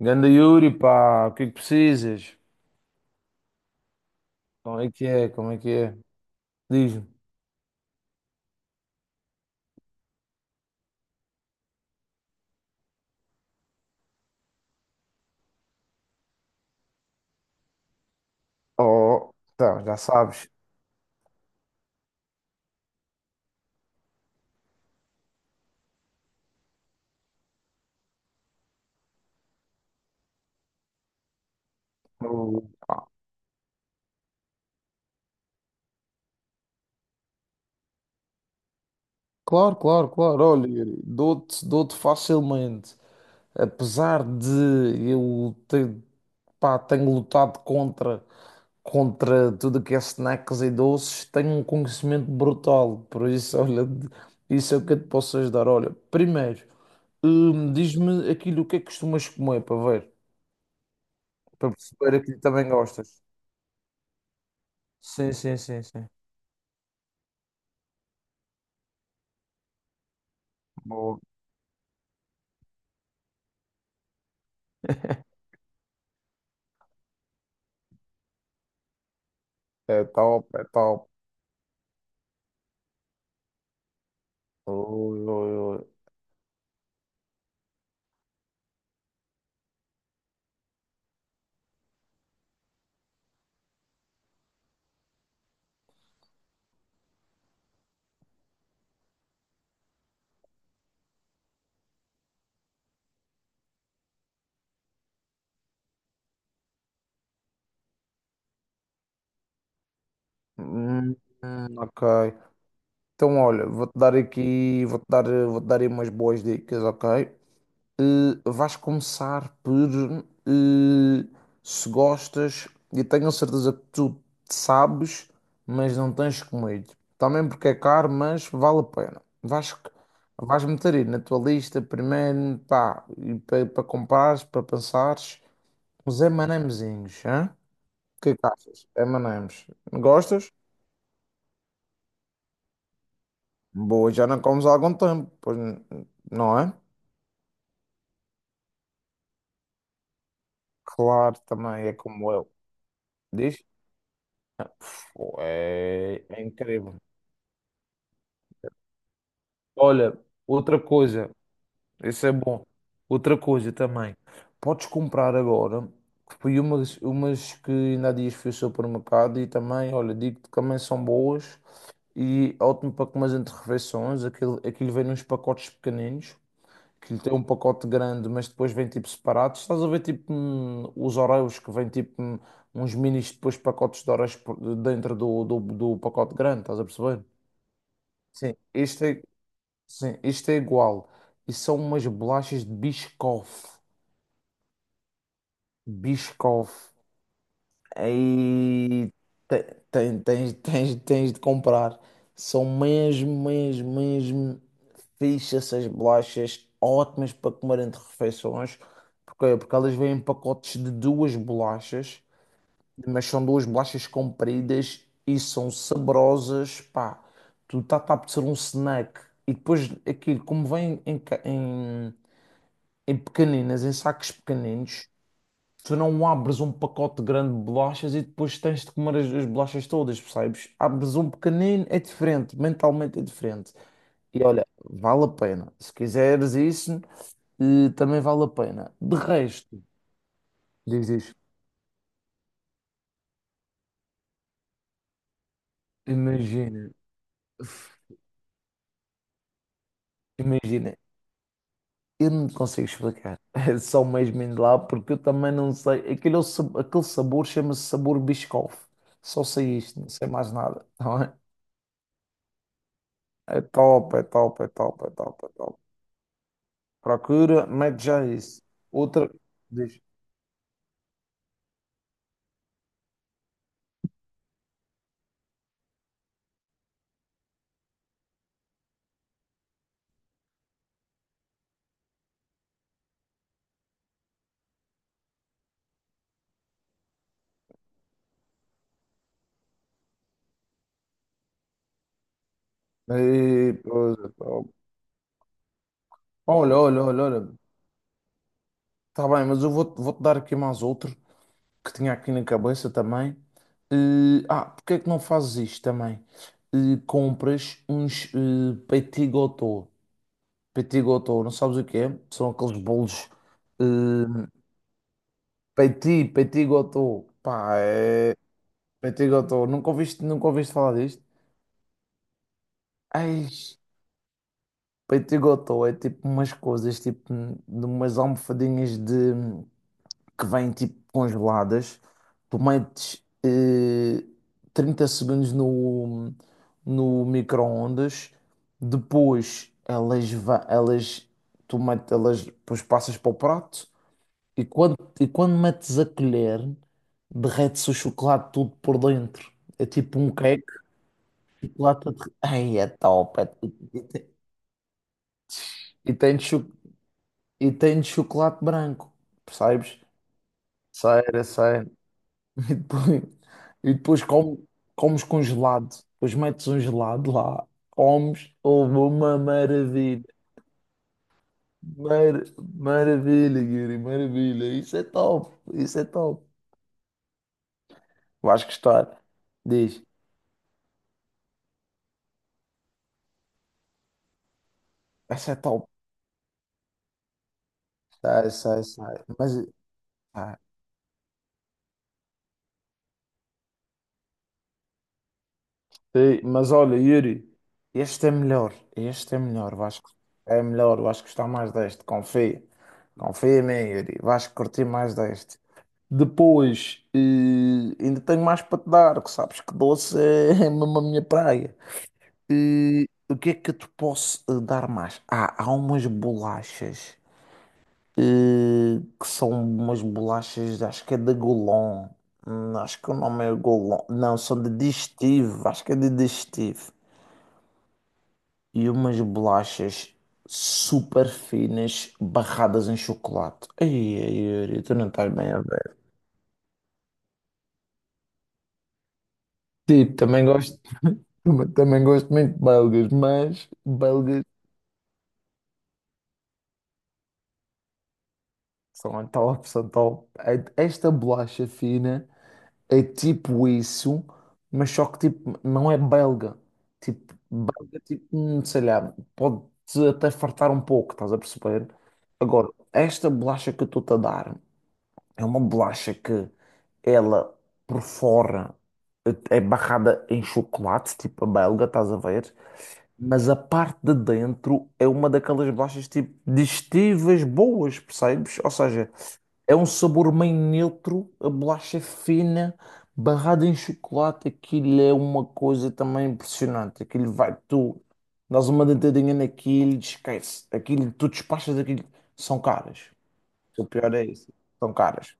Ganda Yuri, pá, o que é que precisas? Como é que é? Como é que é? Diz-me. Oh, tá, já sabes. Oh, claro, claro, claro. Olha, Yuri, dou-te facilmente. Apesar de eu ter, pá, tenho lutado contra tudo que é snacks e doces, tenho um conhecimento brutal. Por isso, olha, isso é o que eu te posso ajudar. Olha, primeiro, diz-me aquilo o que é que costumas comer para ver, para perceber aquilo que também gostas. Sim, sim, sim, sim. Boa. É top, é top. Ui, ui, ui. Hum, ok. Então, olha, vou-te dar aí umas boas dicas, ok? Vais começar por eh, se gostas, e tenho a certeza que tu sabes, mas não tens comido. Também porque é caro, mas vale a pena. Vais meter aí na tua lista primeiro, pá, e para comprares, para pensares. Os M&Mzinhos, hã? O que é que achas? M&Ms. Gostas? Boa, já não comes há algum tempo, pois não é? Claro, também é como eu. Diz? Pô, é incrível. Olha, outra coisa, isso é bom. Outra coisa também. Podes comprar agora, que foi umas que ainda há dias fui ao supermercado e também, olha, digo-te que também são boas e ótimo para comer entre refeições. Aquilo vem nos pacotes pequeninos, que lhe tem um pacote grande, mas depois vem tipo separados. Estás a ver tipo os Oreos que vêm tipo uns minis depois pacotes de Oreos dentro do pacote grande, estás a perceber? Sim. Este é, sim, este é igual. E são umas bolachas de Biscoff. Biscoff. Aí te- tens de comprar. São mesmo, mesmo, mesmo fixe essas bolachas, ótimas para comer entre refeições, porque elas vêm em pacotes de duas bolachas, mas são duas bolachas compridas e são saborosas, pá, tu tá a ser um snack. E depois aquilo, como vem em pequeninas, em sacos pequeninos, tu não abres um pacote grande de bolachas e depois tens de comer as bolachas todas, percebes? Abres um pequenino, é diferente, mentalmente é diferente. E olha, vale a pena. Se quiseres isso, também vale a pena. De resto, diz isto, imagina, imagina, eu não te consigo explicar. É só mesmo indo lá, porque eu também não sei. Aquele sabor chama-se sabor Biscoff. Só sei isto, não sei mais nada. Não é? É top, é top, é top, é top, é top. Procura, mete já isso. Outra. Diz. E, pois, ó, olha. Está bem, mas eu vou-te dar aqui mais outro que tinha aqui na cabeça também. E, porque é que não fazes isto também? E compras uns petit gâteau. Petit gâteau, não sabes o que é? São aqueles bolos, eh, petit gâteau. Pá, é. Petit gâteau. Nunca ouviste falar disto? Ai, Peito e gotó é tipo umas coisas, tipo de umas almofadinhas de que vêm tipo congeladas. Tu metes 30 segundos no micro-ondas, depois elas, tu metes, elas depois passas para o prato e quando metes a colher, derrete-se o chocolate tudo por dentro. É tipo um cake, chocolate. Ai, é top! E tem, cho- e tem de chocolate branco, percebes? Sério, sério. E depois, e depois comes com gelado. Depois metes um gelado lá, comes, houve uma maravilha. Mar- Maravilha, Yuri, maravilha. Isso é top, isso é top. Vais gostar. Diz, isso é top. Sai, sai, sai. Ah, Ei, mas olha, Yuri, este é melhor, é melhor, vais gostar mais deste, confia, confia em mim, Yuri, vais curtir mais deste. Depois, ainda tenho mais para te dar, que sabes que doce é mesmo a minha praia. O que é que eu te posso dar mais? Ah, há umas bolachas, eh, que são umas bolachas, acho que é da Golon. Acho que o nome é Golon, não, são de digestivo, acho que é de digestivo e umas bolachas super finas barradas em chocolate. Ai, ai, Yuri, tu não estás bem a ver. Tipo, também gosto, também gosto muito de belgas, mas belgas são a top, são top. Esta bolacha fina é tipo isso, mas só que tipo, não é belga. Tipo, belga, tipo, sei lá, pode-te até fartar um pouco, estás a perceber? Agora, esta bolacha que eu estou-te a dar. É uma bolacha que ela por fora é barrada em chocolate, tipo a belga, estás a ver? Mas a parte de dentro é uma daquelas bolachas tipo digestivas boas, percebes? Ou seja, é um sabor meio neutro, a bolacha é fina, barrada em chocolate, aquilo é uma coisa também impressionante. Aquilo vai, tu dás uma dentadinha naquilo, esquece. Aquilo, tu despachas aquilo, são caras. O pior é isso, são caras.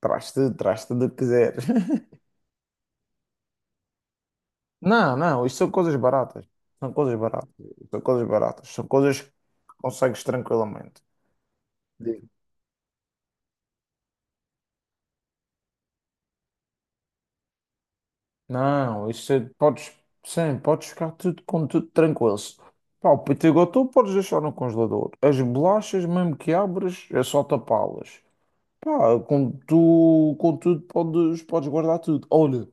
Traz tudo o que quiseres. Não, não, isto são coisas baratas. São coisas baratas. São coisas baratas. São coisas que consegues tranquilamente. Digo, não, podes, sim, podes ficar tudo com tudo tranquilo. Pá, o Pitigotú podes deixar no congelador. As bolachas, mesmo que abres, é só tapá-las. Pá, com tudo podes guardar tudo. Olha,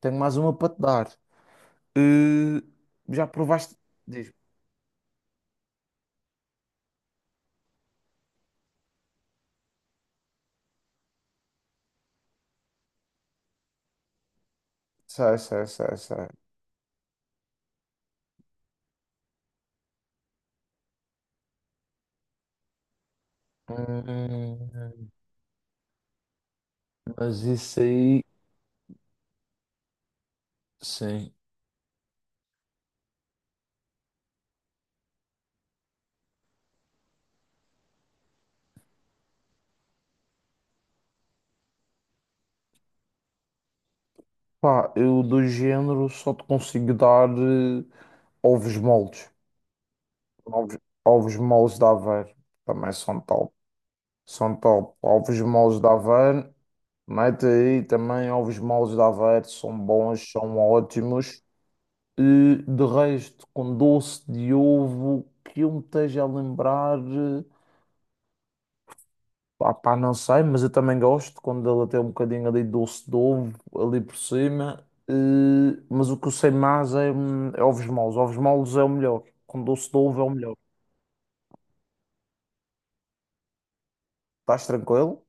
tenho mais uma para te dar. Eh, Já provaste? Diz. Sei, sei, sei, sei. Hum, mas isso aí, sim. Pá, eu do género só te consigo dar ovos moles. Ovos, ovos moles de Aveiro também são top. São top. Ovos moles de Aveiro, mete aí também ovos moles de Aveiro, são bons, são ótimos. E de resto, com doce de ovo, que eu me esteja a lembrar. Pá, pá, não sei, mas eu também gosto quando ela tem um bocadinho ali de doce de ovo ali por cima. Mas o que eu sei mais é, é ovos moles. Ovos moles é o melhor. Com doce de ovo é o melhor. Estás tranquilo?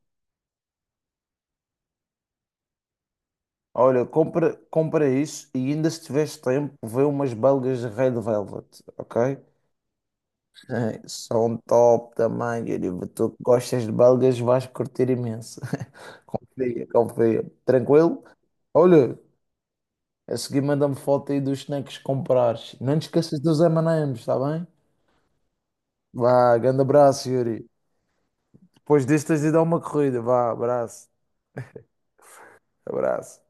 Olha, compra isso e ainda se tiveres tempo, vê umas belgas de Red Velvet, ok? São top também, querido. Tu que gostas de belgas, vais curtir imenso. Confia, confia. Tranquilo? Olha. A seguir manda-me foto aí dos snacks que comprares. Não te esqueças dos M&M's, está bem? Vá, grande abraço, Yuri. Depois disto tens de dar uma corrida. Vá, abraço. Abraço.